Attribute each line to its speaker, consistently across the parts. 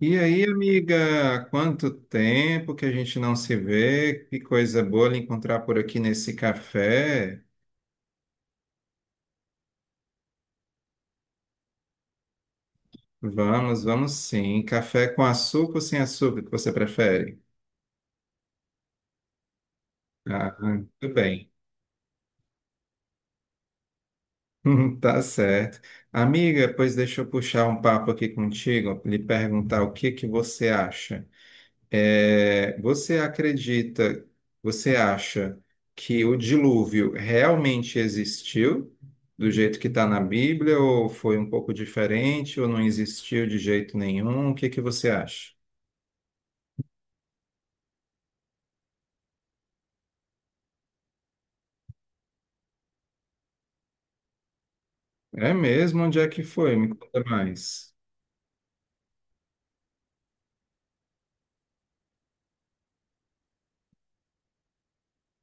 Speaker 1: E aí, amiga, quanto tempo que a gente não se vê? Que coisa boa lhe encontrar por aqui nesse café. Vamos, vamos sim. Café com açúcar ou sem açúcar, que você prefere? Ah, tudo bem. Tá certo. Amiga, pois deixa eu puxar um papo aqui contigo, lhe perguntar o que que você acha. É, você acredita, Você acha que o dilúvio realmente existiu do jeito que está na Bíblia, ou foi um pouco diferente, ou não existiu de jeito nenhum? O que que você acha? É mesmo? Onde é que foi? Me conta mais.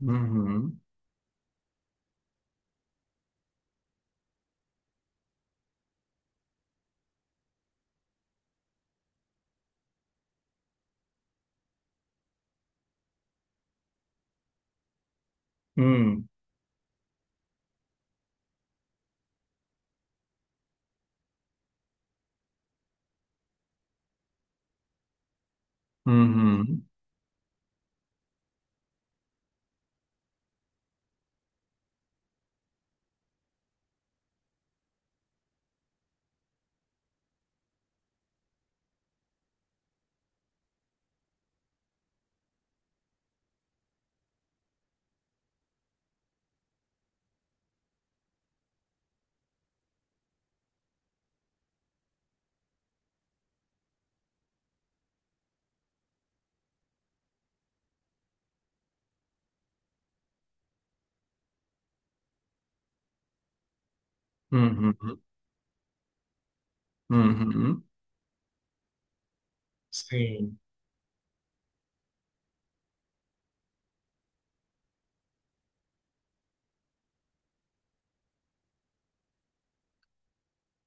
Speaker 1: Uhum. Hum. Uhum. Uhum. Uhum. Sim.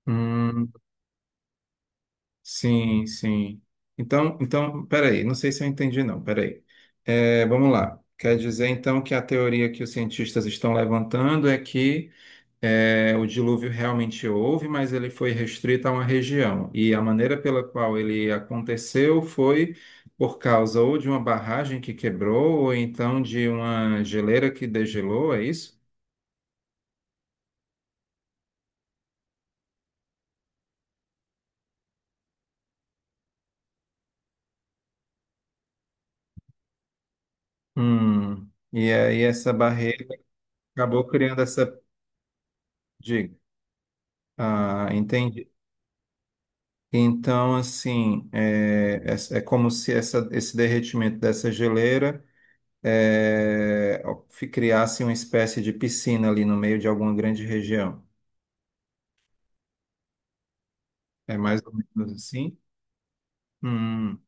Speaker 1: Hum. Sim, sim. Então, peraí, não sei se eu entendi, não, peraí. Vamos lá. Quer dizer, então, que a teoria que os cientistas estão levantando é que o dilúvio realmente houve, mas ele foi restrito a uma região. E a maneira pela qual ele aconteceu foi por causa ou de uma barragem que quebrou, ou então de uma geleira que degelou, é isso? Hum. E aí essa barreira acabou criando essa. Diga. Ah, entendi. Então, assim, como se esse derretimento dessa geleira é, criasse uma espécie de piscina ali no meio de alguma grande região. É mais ou menos assim? Hum,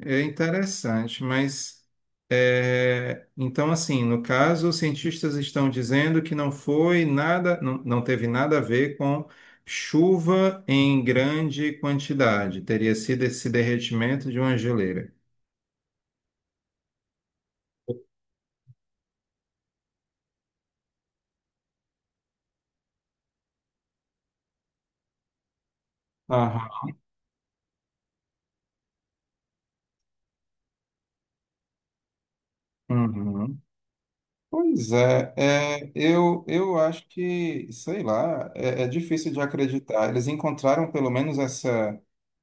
Speaker 1: é interessante, mas então, assim, no caso, os cientistas estão dizendo que não foi nada, não, não teve nada a ver com chuva em grande quantidade, teria sido esse derretimento de uma geleira. Aham. Uhum. Pois é, eu acho que, sei lá, é difícil de acreditar. Eles encontraram pelo menos essa,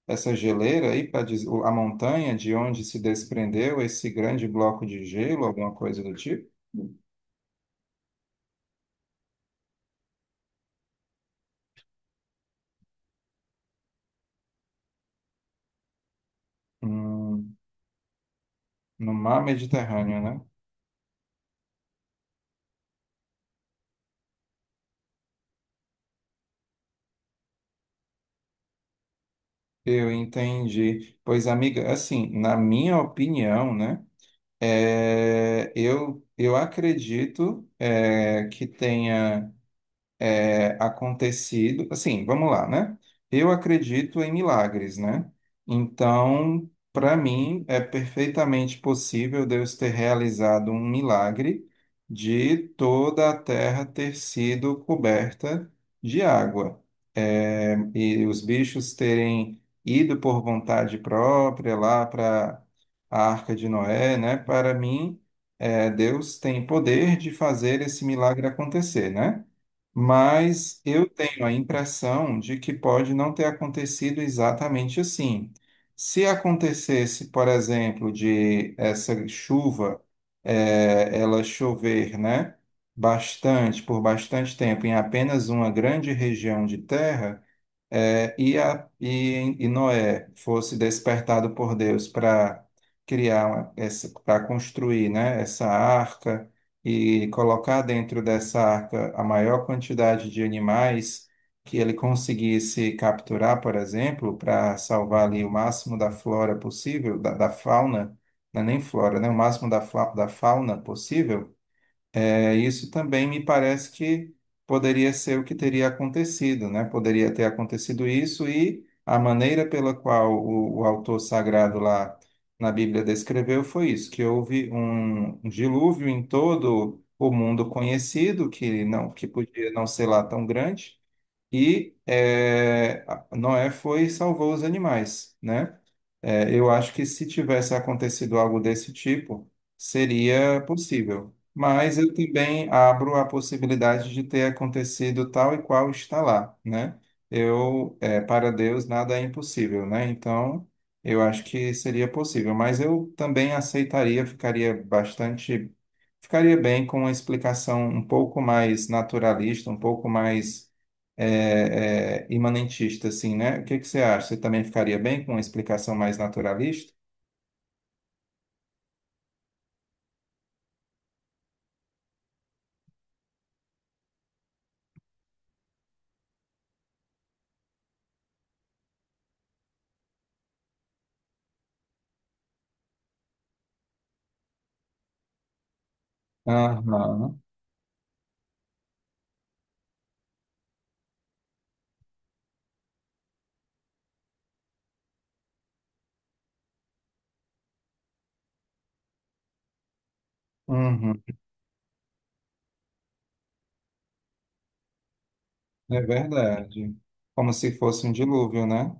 Speaker 1: essa geleira aí, para a montanha de onde se desprendeu esse grande bloco de gelo, alguma coisa do tipo, Hum, no mar Mediterrâneo, né? Eu entendi. Pois, amiga, assim, na minha opinião, né, eu acredito que tenha. Acontecido. Assim, vamos lá, né? Eu acredito em milagres, né? Então, para mim, é perfeitamente possível Deus ter realizado um milagre de toda a terra ter sido coberta de água. E os bichos terem ido por vontade própria lá para a Arca de Noé, né? Para mim, Deus tem poder de fazer esse milagre acontecer, né? Mas eu tenho a impressão de que pode não ter acontecido exatamente assim. Se acontecesse, por exemplo, de essa chuva, ela chover, né, bastante, por bastante tempo, em apenas uma grande região de terra, e Noé fosse despertado por Deus para para construir, né, essa arca e colocar dentro dessa arca a maior quantidade de animais que ele conseguisse capturar, por exemplo, para salvar ali o máximo da flora possível, da fauna, não é nem flora, né, o máximo da fauna possível isso também me parece que poderia ser o que teria acontecido, né? Poderia ter acontecido isso e a maneira pela qual o autor sagrado lá na Bíblia descreveu foi isso, que houve um dilúvio em todo o mundo conhecido, que podia não ser lá tão grande, e Noé foi e salvou os animais, né? Eu acho que se tivesse acontecido algo desse tipo, seria possível. Mas eu também abro a possibilidade de ter acontecido tal e qual está lá, né? Para Deus, nada é impossível, né? Então, eu acho que seria possível. Mas eu também aceitaria, ficaria bem com uma explicação um pouco mais naturalista, um pouco mais imanentista, assim, né? O que que você acha? Você também ficaria bem com uma explicação mais naturalista? Aham. Uhum. É verdade. Como se fosse um dilúvio, né?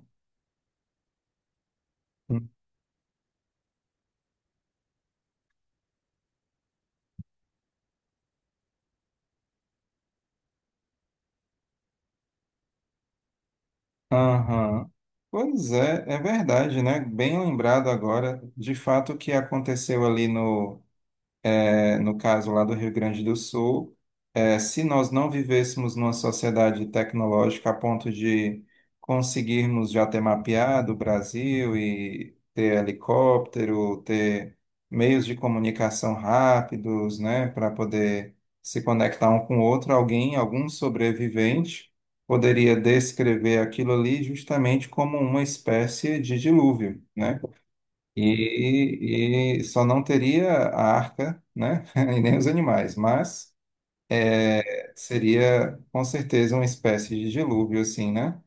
Speaker 1: Aham. Pois é, é verdade, né? Bem lembrado agora, de fato, o que aconteceu ali no caso lá do Rio Grande do Sul, se nós não vivêssemos numa sociedade tecnológica a ponto de conseguirmos já ter mapeado o Brasil e ter helicóptero, ter meios de comunicação rápidos, né, para poder se conectar um com o outro, alguém, algum sobrevivente, poderia descrever aquilo ali justamente como uma espécie de dilúvio, né? E só não teria a arca, né? E nem os animais, mas seria com certeza uma espécie de dilúvio, assim, né?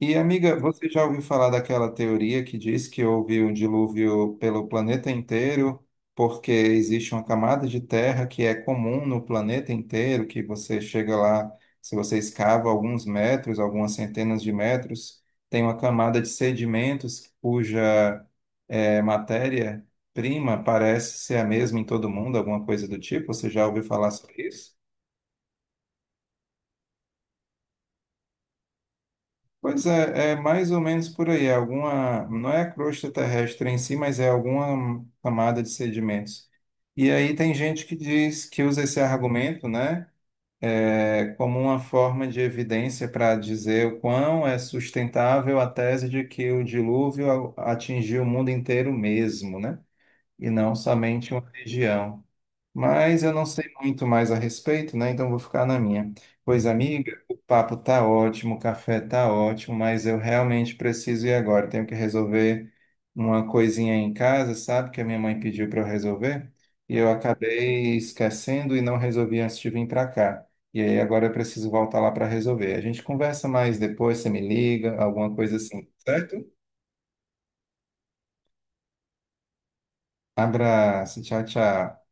Speaker 1: E amiga, você já ouviu falar daquela teoria que diz que houve um dilúvio pelo planeta inteiro, porque existe uma camada de terra que é comum no planeta inteiro, que você chega lá, se você escava alguns metros, algumas centenas de metros, tem uma camada de sedimentos cuja matéria-prima parece ser a mesma em todo mundo, alguma coisa do tipo? Você já ouviu falar sobre isso? Pois é, é mais ou menos por aí. É alguma, não é a crosta terrestre em si, mas é alguma camada de sedimentos. E aí tem gente que diz que usa esse argumento, né, como uma forma de evidência para dizer o quão é sustentável a tese de que o dilúvio atingiu o mundo inteiro mesmo, né, e não somente uma região. Mas eu não sei muito mais a respeito, né? Então vou ficar na minha. Pois, amiga, o papo tá ótimo, o café tá ótimo, mas eu realmente preciso ir agora. Tenho que resolver uma coisinha em casa, sabe? Que a minha mãe pediu para eu resolver. E eu acabei esquecendo e não resolvi antes de vir para cá. E aí agora eu preciso voltar lá para resolver. A gente conversa mais depois, você me liga, alguma coisa assim, certo? Abraço, tchau, tchau.